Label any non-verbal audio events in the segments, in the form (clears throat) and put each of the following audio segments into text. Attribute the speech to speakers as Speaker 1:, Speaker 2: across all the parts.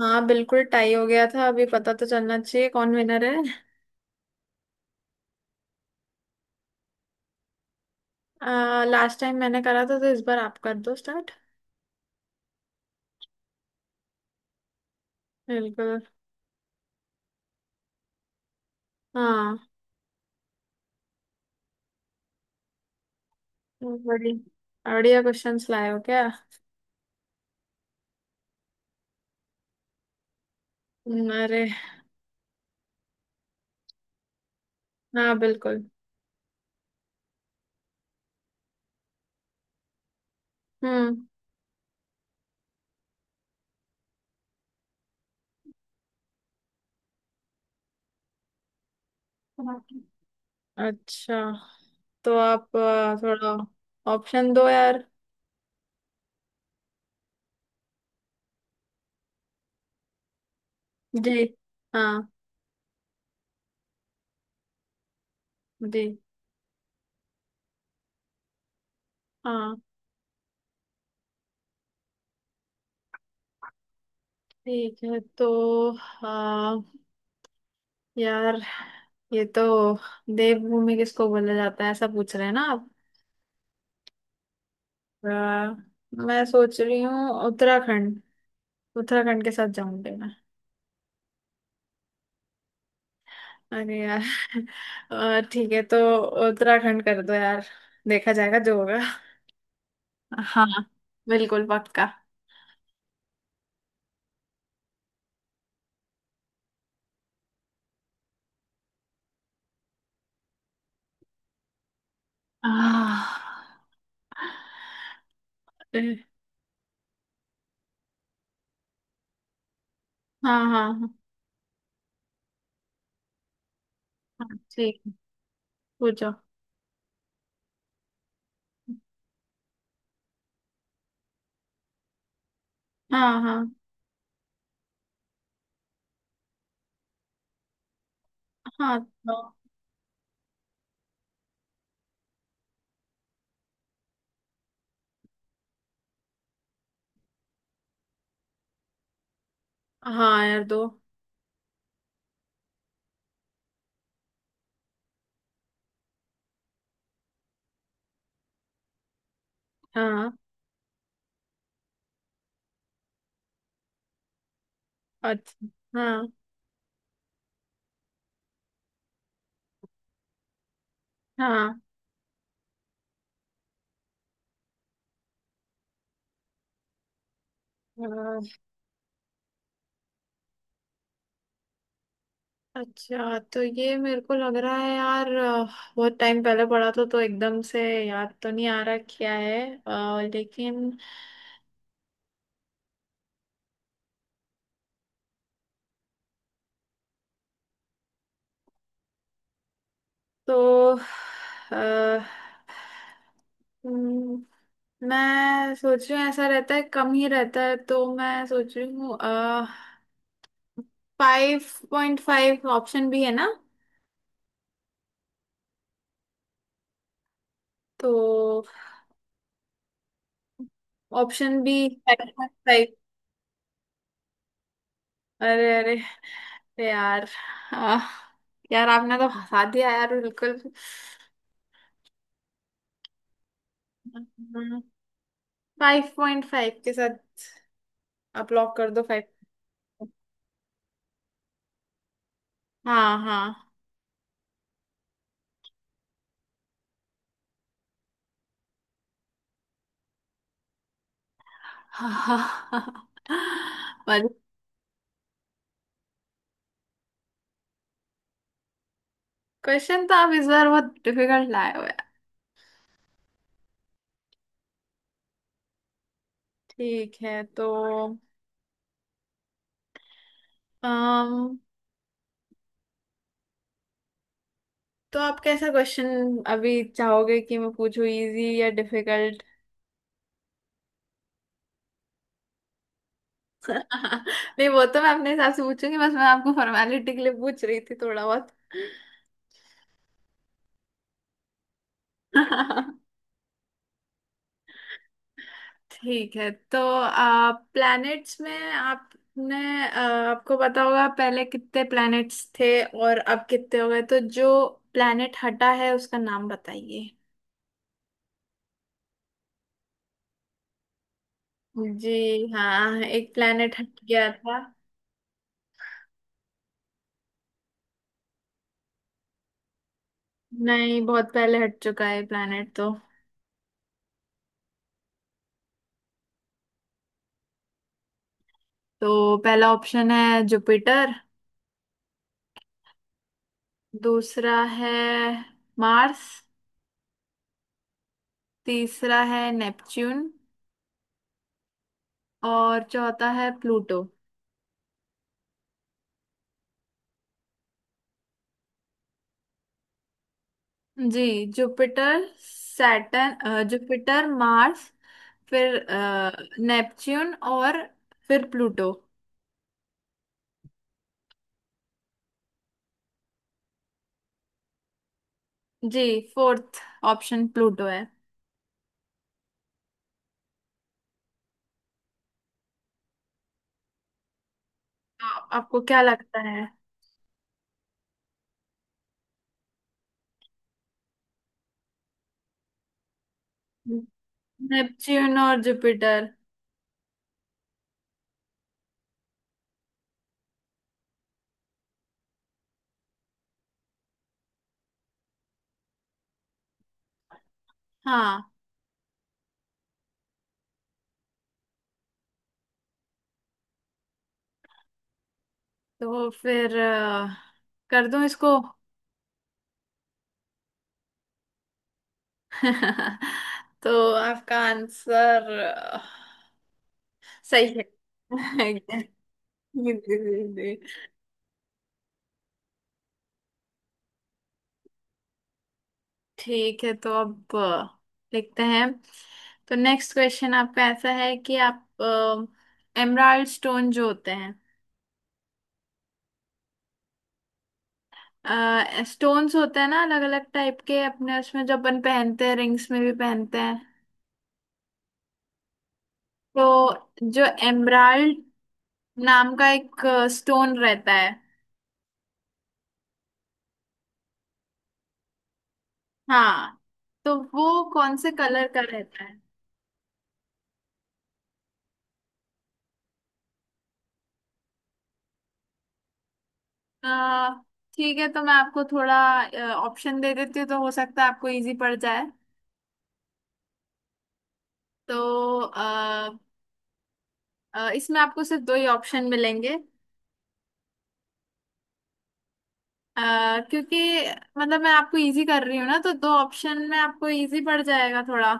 Speaker 1: हाँ, बिल्कुल टाई हो गया था। अभी पता तो चलना चाहिए कौन विनर है। लास्ट टाइम मैंने करा था तो इस बार आप कर दो स्टार्ट। बिल्कुल। हाँ। बढ़िया बढ़िया क्वेश्चंस लाए हो क्या? अरे। हाँ, बिल्कुल। हम्म। अच्छा, तो आप थोड़ा ऑप्शन दो यार। जी। हाँ। जी। हाँ, ठीक है तो आ, यार, ये तो देवभूमि किसको बोला जाता है ऐसा पूछ रहे हैं ना आप? आ, मैं सोच रही हूँ उत्तराखंड। उत्तराखंड के साथ जाऊंगी मैं। अरे यार। (laughs) ठीक है तो उत्तराखंड कर दो यार। देखा जाएगा जो होगा। हाँ। बिल्कुल पक्का। आह, ए। हाँ, हाँ, हाँ। हाँ, ठीक है, पूछो। हाँ, हाँ, हाँ। दो। हाँ यार, दो। हाँ। अच्छा। हाँ। हाँ। अच्छा, तो ये मेरे को लग रहा है यार, बहुत टाइम पहले पढ़ा था तो एकदम से याद तो नहीं आ रहा क्या है। लेकिन तो अ, हम्म, मैं सोच रही हूँ ऐसा रहता है, कम ही रहता है, तो मैं सोच रही हूँ 5.5 ऑप्शन भी है ना। तो ऑप्शन भी फाइव। अरे, अरे, अरे यार। आह, यार, आपने तो फंसा दिया यार, बिल्कुल। (laughs) 5.5 के साथ आप लॉक कर दो फाइव। हाँ, हाँ। (laughs) पर क्वेश्चन तो आप इस बार बहुत डिफिकल्ट लाए हो यार। ठीक है तो अम तो आप कैसा क्वेश्चन अभी चाहोगे कि मैं पूछूं, इजी या डिफिकल्ट? (laughs) नहीं, वो तो मैं अपने हिसाब से पूछूंगी, बस मैं आपको फॉर्मेलिटी के लिए पूछ रही थी थोड़ा। बहुत। (laughs) ठीक है तो प्लैनेट्स में आपने आ, आपको पता होगा पहले कितने प्लैनेट्स थे और अब कितने हो गए, तो जो प्लैनेट हटा है उसका नाम बताइए। जी। हाँ, एक प्लैनेट हट गया था। नहीं, बहुत पहले हट चुका है प्लैनेट तो। तो पहला ऑप्शन है जुपिटर। दूसरा है मार्स। तीसरा है नेपच्यून। और चौथा है प्लूटो। जी। Jupiter, Saturn, Jupiter, Mars. फिर नेपच्यून और फिर प्लूटो। जी। फोर्थ ऑप्शन प्लूटो है। आपको क्या लगता है? नेपच्यून और जुपिटर। हाँ, तो फिर कर दूं इसको? (laughs) तो आपका आंसर सही है। (laughs) जी, जी, जी, जी। ठीक है तो अब देखते हैं। तो नेक्स्ट क्वेश्चन आपका ऐसा है कि आप एमराल्ड स्टोन जो होते हैं, स्टोन्स होते हैं ना, अलग अलग टाइप के, अपने उसमें जो अपन पहनते हैं, रिंग्स में भी पहनते हैं। तो जो एमराल्ड नाम का एक स्टोन रहता है। हाँ। तो वो कौन से कलर का रहता है? अ, ठीक है तो मैं आपको थोड़ा ऑप्शन दे देती हूँ, तो हो सकता है आपको इजी पड़ जाए। तो इसमें आपको सिर्फ दो ही ऑप्शन मिलेंगे। क्योंकि मतलब, मैं आपको इजी कर रही हूँ ना, तो दो ऑप्शन में आपको इजी पड़ जाएगा थोड़ा।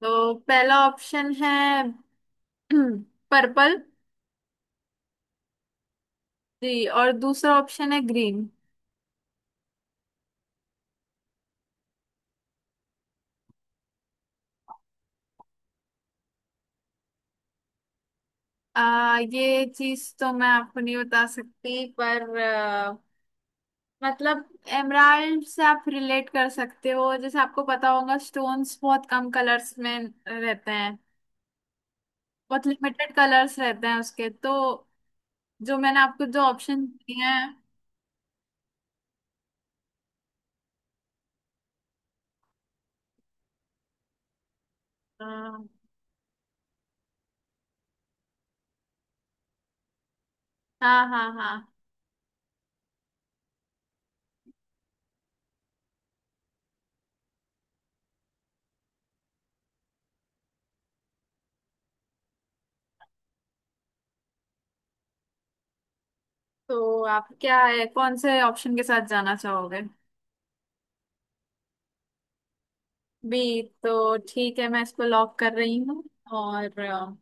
Speaker 1: तो पहला ऑप्शन है (clears throat) पर्पल। जी, और दूसरा ऑप्शन है ग्रीन। ये चीज तो मैं आपको नहीं बता सकती, पर मतलब, एमराल्ड से आप रिलेट कर सकते हो, जैसे आपको पता होगा स्टोन्स बहुत कम कलर्स में रहते हैं। बहुत लिमिटेड कलर्स रहते हैं उसके तो। जो मैंने आपको जो ऑप्शन दिए हैं। हाँ, हाँ, हाँ, हाँ। तो आप क्या है, कौन से ऑप्शन के साथ जाना चाहोगे? बी तो ठीक है, मैं इसको लॉक कर रही हूँ। और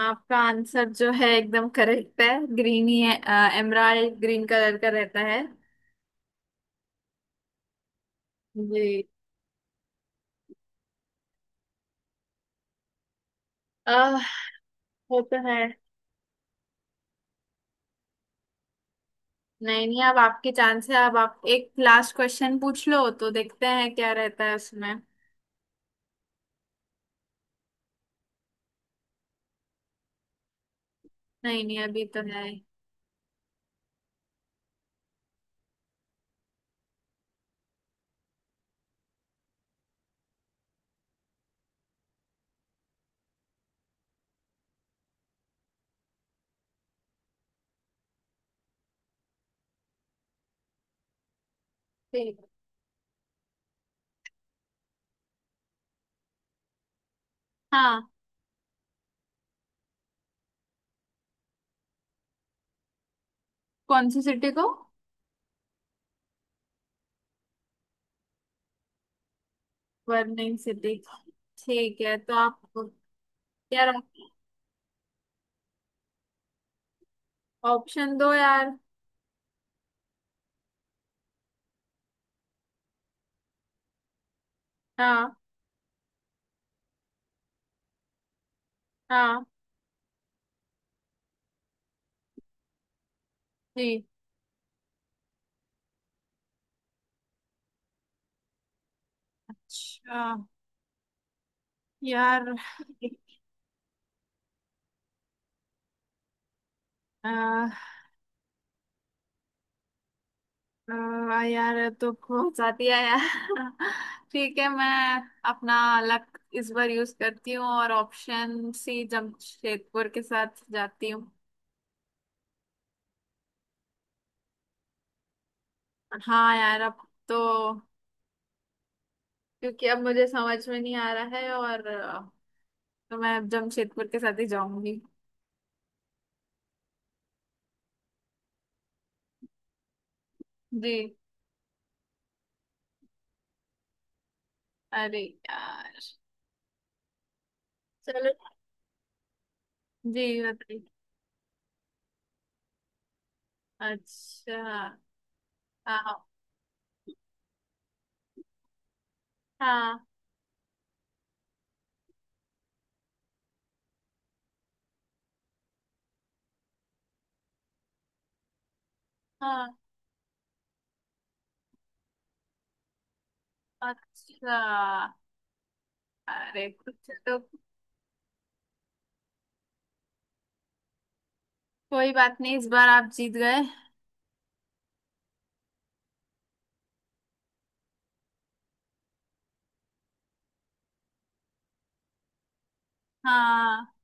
Speaker 1: आपका आंसर जो है एकदम करेक्ट है। ग्रीन ही है। एमराल्ड ग्रीन कलर का रहता है। जी। आह वो तो है। नहीं, नहीं, अब आपकी चांस है, अब आप एक लास्ट क्वेश्चन पूछ लो तो देखते हैं क्या रहता है उसमें। नहीं, नहीं, अभी तो है। ठीक। हाँ, कौन सी सिटी को? वर्निंग सिटी। ठीक है तो आप यार, ऑप्शन दो यार। हाँ, हाँ। जी। अच्छा यार, आ, आ, यार ये तो बहुत फंसाती है यार। ठीक है, मैं अपना लक इस बार यूज करती हूँ और ऑप्शन सी जमशेदपुर के साथ जाती हूँ। हाँ यार, अब तो क्योंकि अब मुझे समझ में नहीं आ रहा है, और तो मैं अब जमशेदपुर के साथ ही जाऊंगी। जी। अरे यार। चलो। जी, बताइए। अच्छा। हाँ, हाँ, हाँ, हाँ। अच्छा। अरे, कुछ तो। कोई बात नहीं, इस बार आप जीत गए। हाँ।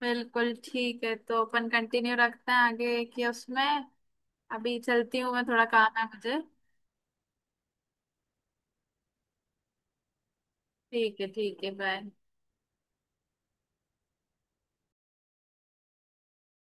Speaker 1: बिल्कुल, ठीक है तो अपन कंटिन्यू रखते हैं आगे कि उसमें अभी चलती हूँ मैं, थोड़ा काम है मुझे। ठीक है, ठीक है, बाय।